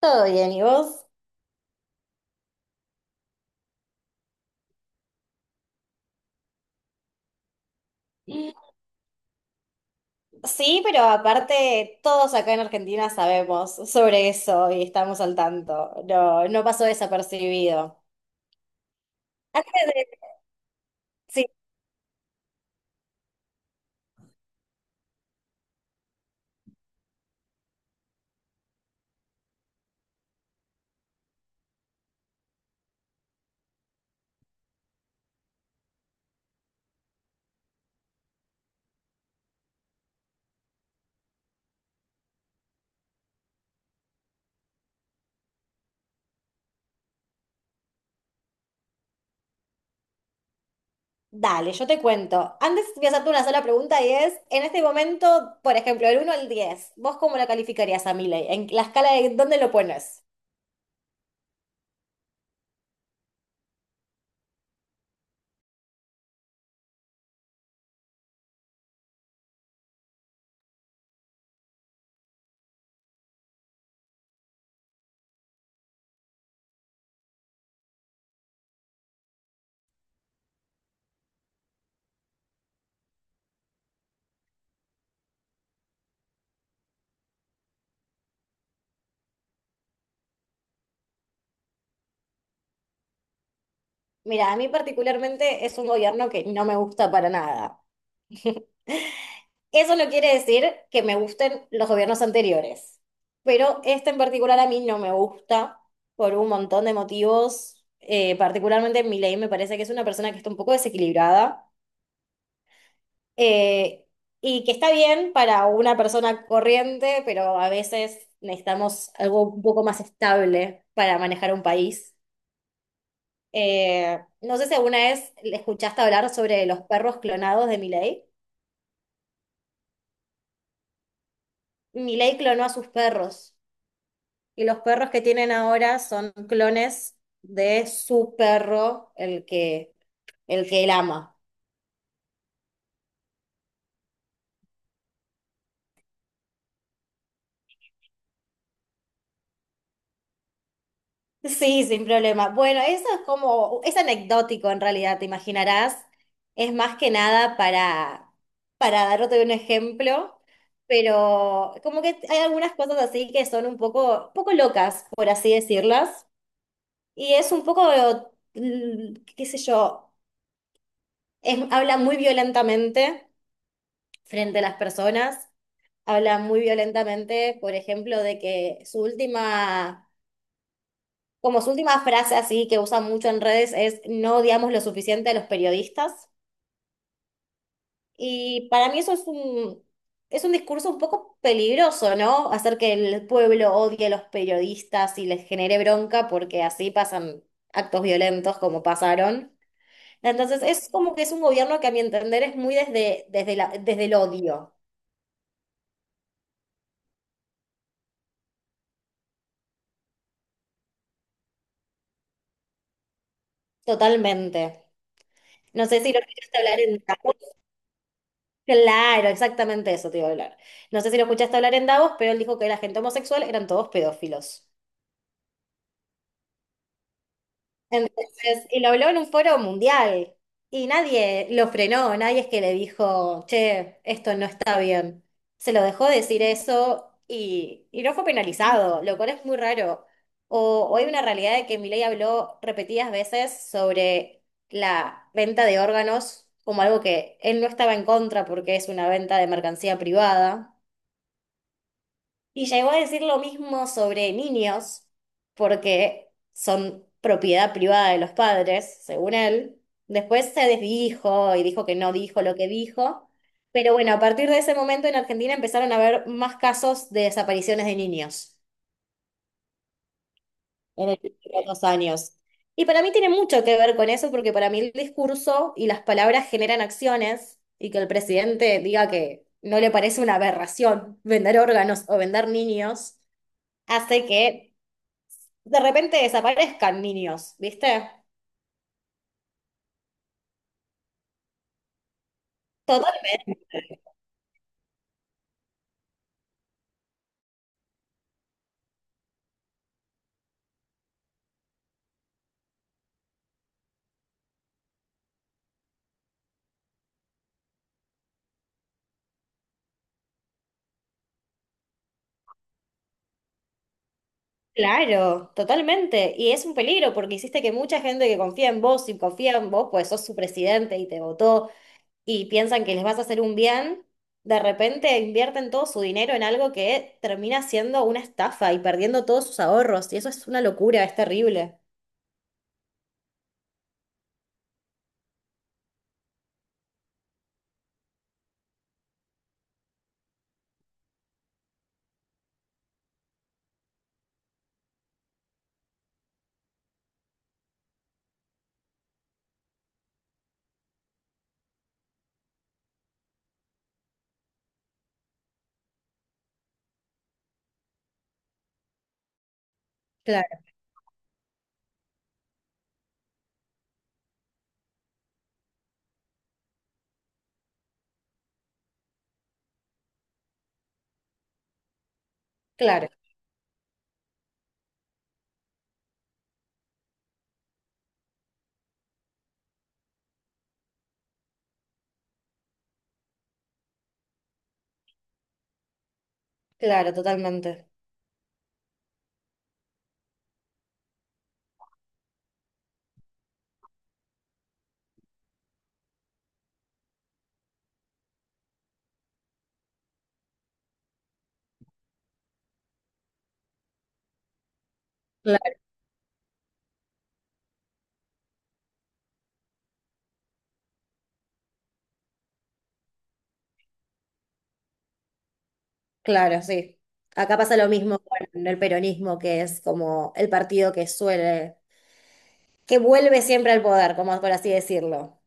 Todo bien, ¿y vos? Sí, pero aparte todos acá en Argentina sabemos sobre eso y estamos al tanto. No, pasó desapercibido. Antes de... Sí, dale, yo te cuento. Antes voy a hacerte una sola pregunta y es, en este momento, por ejemplo, del 1 al 10, ¿vos cómo lo calificarías a Milei? ¿En la escala de dónde lo pones? Mira, a mí particularmente es un gobierno que no me gusta para nada. Eso no quiere decir que me gusten los gobiernos anteriores, pero este en particular a mí no me gusta por un montón de motivos. Particularmente Milei me parece que es una persona que está un poco desequilibrada eh, y que está bien para una persona corriente, pero a veces necesitamos algo un poco más estable para manejar un país. No sé si alguna vez le escuchaste hablar sobre los perros clonados de Milei. Milei clonó a sus perros. Y los perros que tienen ahora son clones de su perro, el que él ama. Sí, sin problema. Bueno, eso es como, es anecdótico en realidad, te imaginarás. Es más que nada para darte un ejemplo, pero como que hay algunas cosas así que son un poco, poco locas, por así decirlas. Y es un poco, qué sé yo, habla muy violentamente frente a las personas habla muy violentamente, por ejemplo, de que como su última frase así que usa mucho en redes es no odiamos lo suficiente a los periodistas. Y para mí es un discurso un poco peligroso, ¿no? Hacer que el pueblo odie a los periodistas y les genere bronca porque así pasan actos violentos como pasaron. Entonces es como que es un gobierno que a mi entender es muy desde el odio, totalmente. No sé si lo quieres hablar en claro, exactamente eso te iba a hablar. No sé si lo escuchaste hablar en Davos, pero él dijo que la gente homosexual eran todos pedófilos. Entonces, y lo habló en un foro mundial. Y nadie lo frenó, nadie es que le dijo, che, esto no está bien. Se lo dejó decir eso y no fue penalizado, lo cual es muy raro. O hay una realidad de que Milei habló repetidas veces sobre la venta de órganos como algo que él no estaba en contra porque es una venta de mercancía privada. Y llegó a decir lo mismo sobre niños, porque son propiedad privada de los padres, según él. Después se desdijo y dijo que no dijo lo que dijo. Pero bueno, a partir de ese momento en Argentina empezaron a haber más casos de desapariciones de niños en los años. Y para mí tiene mucho que ver con eso, porque para mí el discurso y las palabras generan acciones y que el presidente diga que no le parece una aberración vender órganos o vender niños hace que de repente desaparezcan niños, ¿viste? Total, claro, totalmente. Y es un peligro porque hiciste que mucha gente que confía en vos y confía en vos, pues sos su presidente y te votó y piensan que les vas a hacer un bien, de repente invierten todo su dinero en algo que termina siendo una estafa y perdiendo todos sus ahorros. Y eso es una locura, es terrible. Claro, claro, claro, totalmente. Claro, claro, sí. Acá pasa lo mismo con el peronismo, que es como el partido que suele que vuelve siempre al poder, como por así decirlo.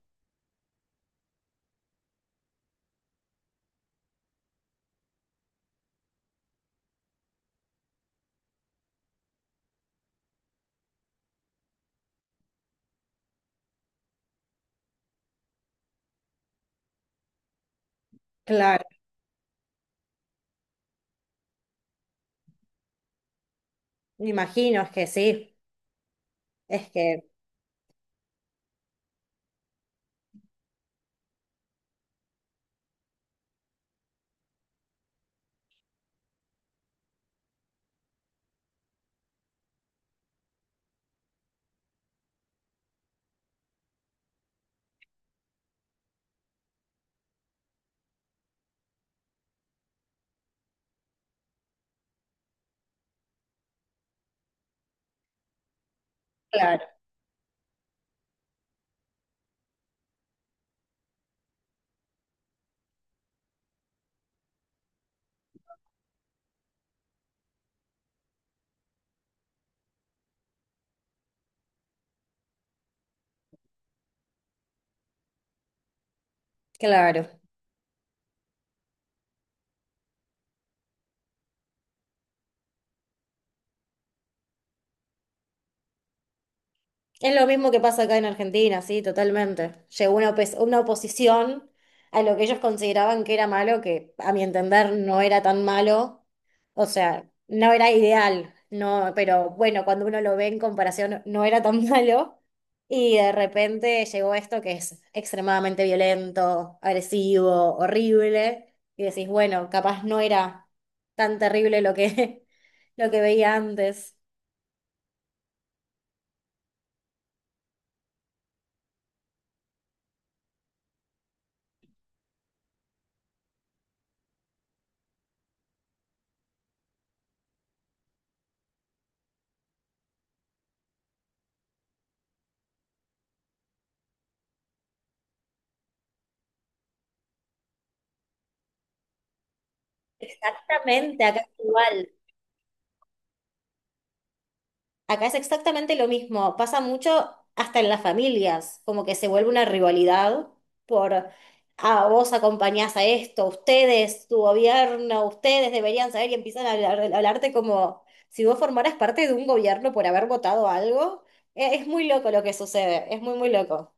Claro, me imagino es que sí, es que, claro, claro. Es lo mismo que pasa acá en Argentina, sí, totalmente. Llegó una, una oposición a lo que ellos consideraban que era malo, que a mi entender no era tan malo, o sea, no era ideal, no, pero bueno, cuando uno lo ve en comparación, no era tan malo, y de repente llegó esto que es extremadamente violento, agresivo, horrible, y decís, bueno, capaz no era tan terrible lo que, lo que veía antes. Exactamente, acá es igual. Acá es exactamente lo mismo, pasa mucho hasta en las familias, como que se vuelve una rivalidad por, ah, vos acompañás a esto, ustedes, tu gobierno, ustedes deberían saber y empiezan a a hablarte como si vos formaras parte de un gobierno por haber votado algo. Es muy loco lo que sucede, es muy, muy loco.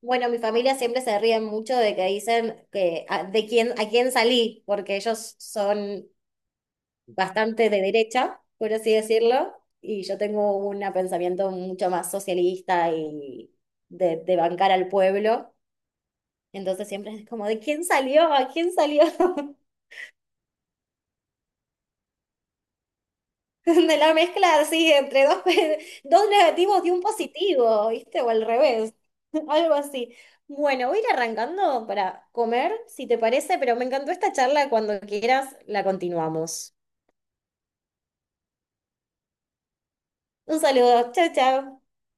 Bueno, mi familia siempre se ríe mucho de que dicen que a, de quién, a quién salí, porque ellos son bastante de derecha, por así decirlo, y yo tengo un pensamiento mucho más socialista y de bancar al pueblo, entonces siempre es como, ¿de quién salió? ¿A quién salió? De la mezcla así, entre dos, dos negativos y un positivo, ¿viste? O al revés, algo así. Bueno, voy a ir arrancando para comer, si te parece, pero me encantó esta charla. Cuando quieras, la continuamos. Un saludo, chao, chao.